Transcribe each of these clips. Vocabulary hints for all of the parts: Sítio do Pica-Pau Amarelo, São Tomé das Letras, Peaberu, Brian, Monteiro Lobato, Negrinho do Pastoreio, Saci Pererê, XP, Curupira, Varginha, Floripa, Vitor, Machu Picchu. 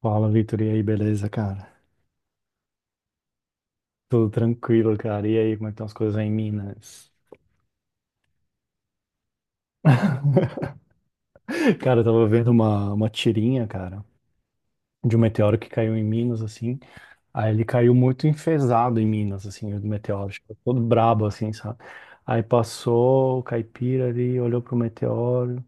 Fala, Vitor, e aí, beleza, cara? Tudo tranquilo, cara. E aí, como é que estão as coisas aí em Minas? Cara, eu tava vendo uma tirinha, cara, de um meteoro que caiu em Minas, assim. Aí ele caiu muito enfesado em Minas, assim, o meteoro, tipo, todo brabo, assim, sabe? Aí passou o caipira ali, olhou pro meteoro.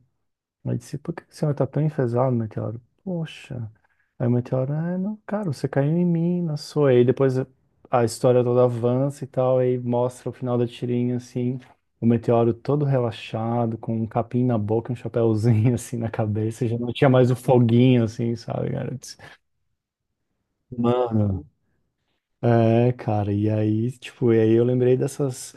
Aí disse, por que que o senhor tá tão enfesado, meteoro? Poxa. Aí o meteoro, ah, não, cara, você caiu em mim, não sou. Aí depois a história toda avança e tal, aí mostra o final da tirinha, assim, o meteoro todo relaxado, com um capim na boca, um chapéuzinho, assim, na cabeça, e já não tinha mais o foguinho, assim, sabe, cara? Eu disse, mano, é, cara, e aí, tipo, e aí eu lembrei dessas,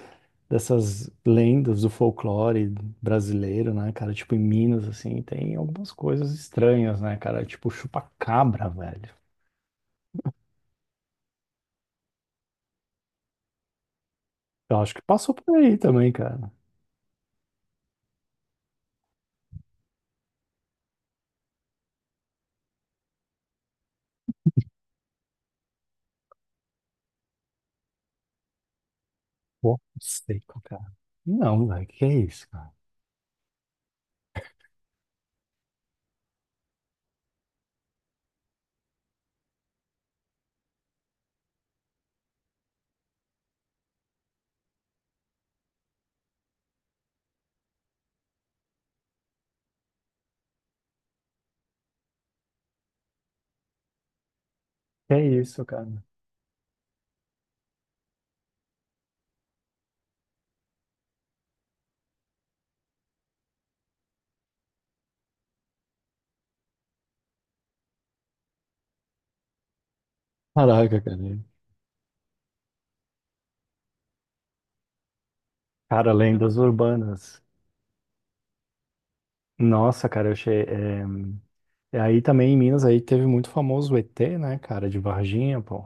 dessas lendas do folclore brasileiro, né, cara? Tipo, em Minas, assim, tem algumas coisas estranhas, né, cara? Tipo, chupa-cabra, velho. Eu acho que passou por aí também, cara. Pô, seco, cara. Não, velho, que é isso, cara? Que é isso, cara? Caraca, cara. Cara, lendas urbanas. Nossa, cara, eu achei. E aí também em Minas aí teve muito famoso o ET, né, cara, de Varginha, pô.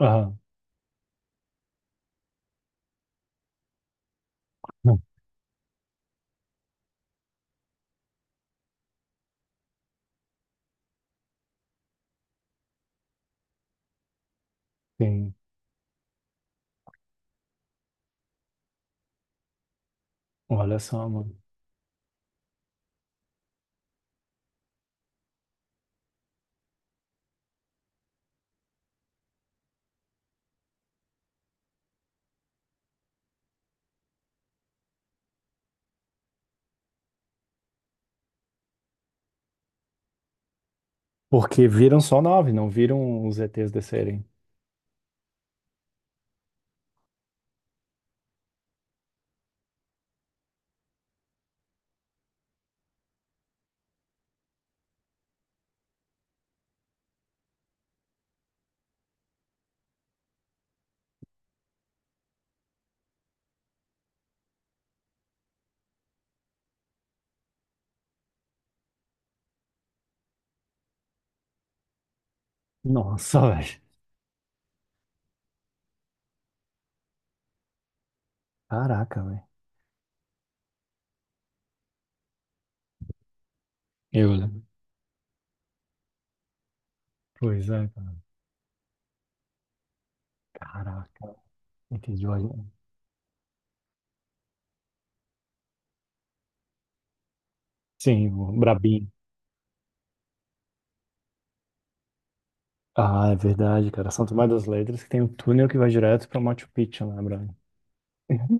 Aham. Não, sim. Olha só, mano. Porque viram só nove, não viram os ETs descerem. Nossa, velho. Caraca, velho. Eu lembro. Pois é, cara. Caraca. ET de Varginha. Sim, o Brabinho. Ah, é verdade, cara. São Tomé das Letras que tem um túnel que vai direto pra Machu Picchu, né, Brian?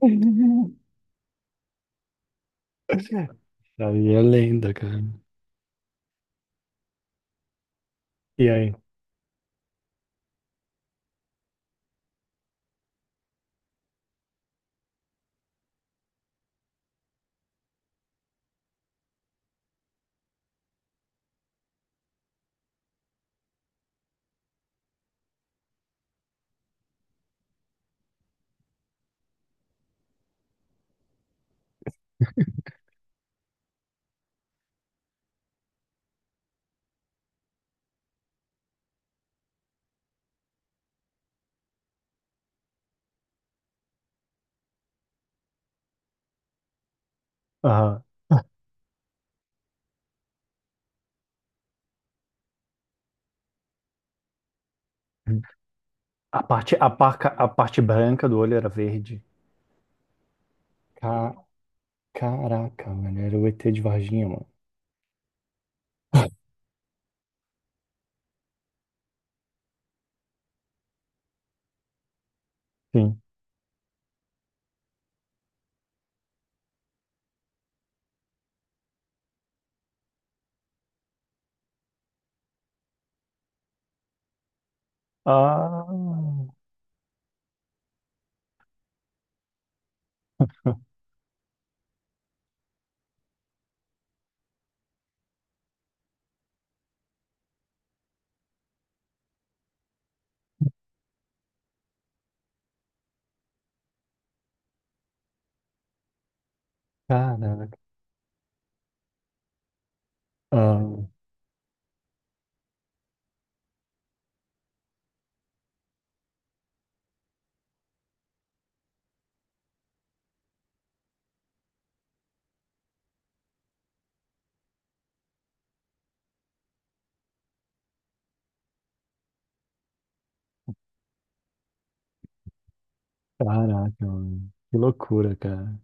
Aí é lenda, cara. E aí? Aham. A parte, a parca, a parte branca do olho era verde. Ca- Caraca, mano. Era o ET de Varginha, mano. Sim. Ah, caraca. Ah, caraca, mano. Que loucura, cara.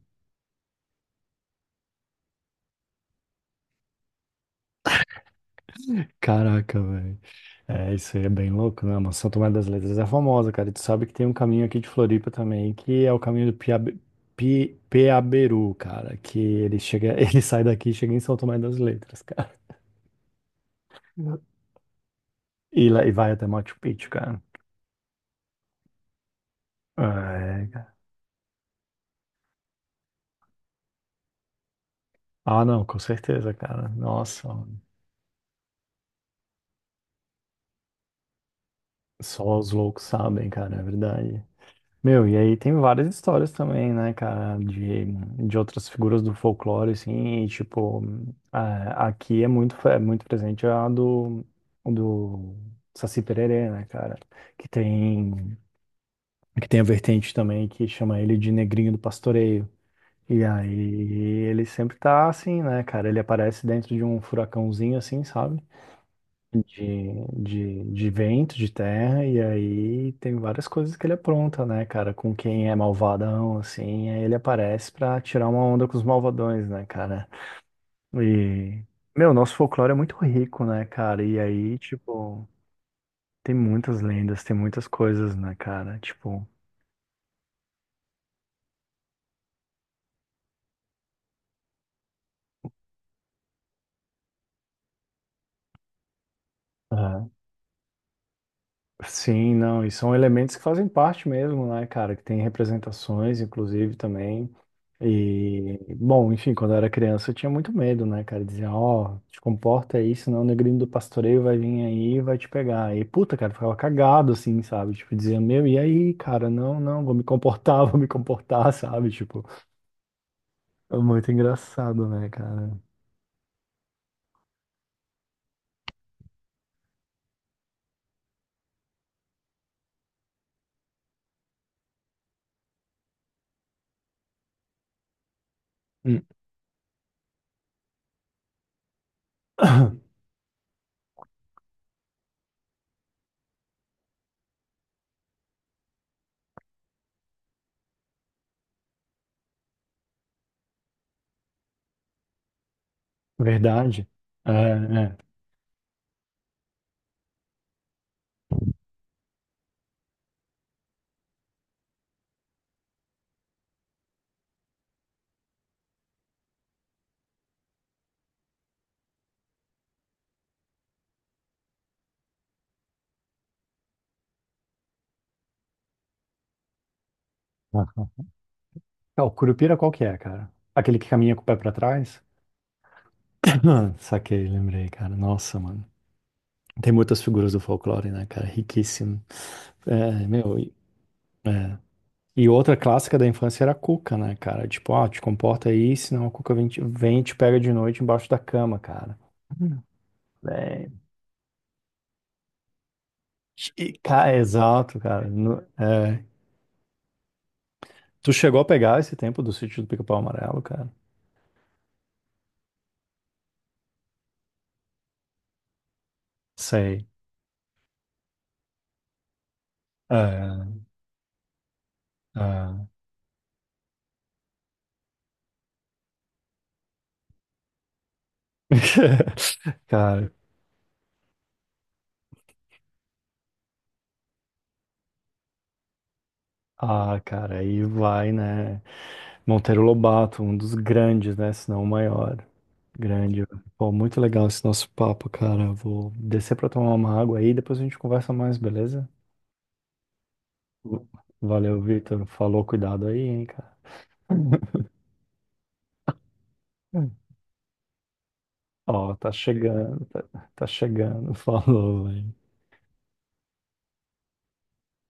Caraca, velho. É, isso aí é bem louco, né? Mas São Tomé das Letras é famosa, cara. E tu sabe que tem um caminho aqui de Floripa também, que é o caminho do Piabe... Pi... Peaberu, cara. Que ele chega, ele sai daqui e chega em São Tomé das Letras, cara. E, lá, e vai até Machu Picchu, cara. É, cara. Ah, não, com certeza, cara. Nossa, só os loucos sabem, cara, é verdade. Meu, e aí tem várias histórias também, né, cara, de outras figuras do folclore, assim, e, tipo, aqui é muito, é muito presente a do, do Saci Pererê, né, cara, que tem, que tem a vertente também que chama ele de Negrinho do Pastoreio. E aí ele sempre tá assim, né, cara, ele aparece dentro de um furacãozinho, assim, sabe? De, de vento, de terra, e aí tem várias coisas que ele apronta, né, cara? Com quem é malvadão, assim, aí ele aparece pra tirar uma onda com os malvadões, né, cara? E, meu, nosso folclore é muito rico, né, cara? E aí, tipo, tem muitas lendas, tem muitas coisas, né, cara? Tipo. Sim, não, e são elementos que fazem parte mesmo, né, cara, que tem representações, inclusive, também. E, bom, enfim, quando eu era criança eu tinha muito medo, né, cara, dizia, ó, te comporta aí, senão o negrinho do pastoreio vai vir aí e vai te pegar. E, puta, cara, eu ficava cagado, assim, sabe, tipo, dizia, meu, e aí, cara, não, não, vou me comportar, vou me comportar, sabe, tipo, é muito engraçado, né, cara. Hum. Verdade. É, é. Ah, o Curupira qual que é, cara? Aquele que caminha com o pé pra trás? Ah, saquei, lembrei, cara. Nossa, mano. Tem muitas figuras do folclore, né, cara? Riquíssimo. É, meu, é. E outra clássica da infância era a cuca, né, cara? Tipo, ó, te comporta aí, senão a cuca vem, vem e te pega de noite embaixo da cama, cara. Hum. É, e, cara, exato, cara. É. Tu chegou a pegar esse tempo do sítio do Pica-Pau Amarelo, cara? Sei. É, é. Cara, ah, cara, aí vai, né? Monteiro Lobato, um dos grandes, né? Se não o maior. Grande. Pô, muito legal esse nosso papo, cara. Vou descer pra tomar uma água aí, depois a gente conversa mais, beleza? Valeu, Vitor. Falou, cuidado aí, hein, cara. Ó, tá chegando, tá, tá chegando. Falou, velho.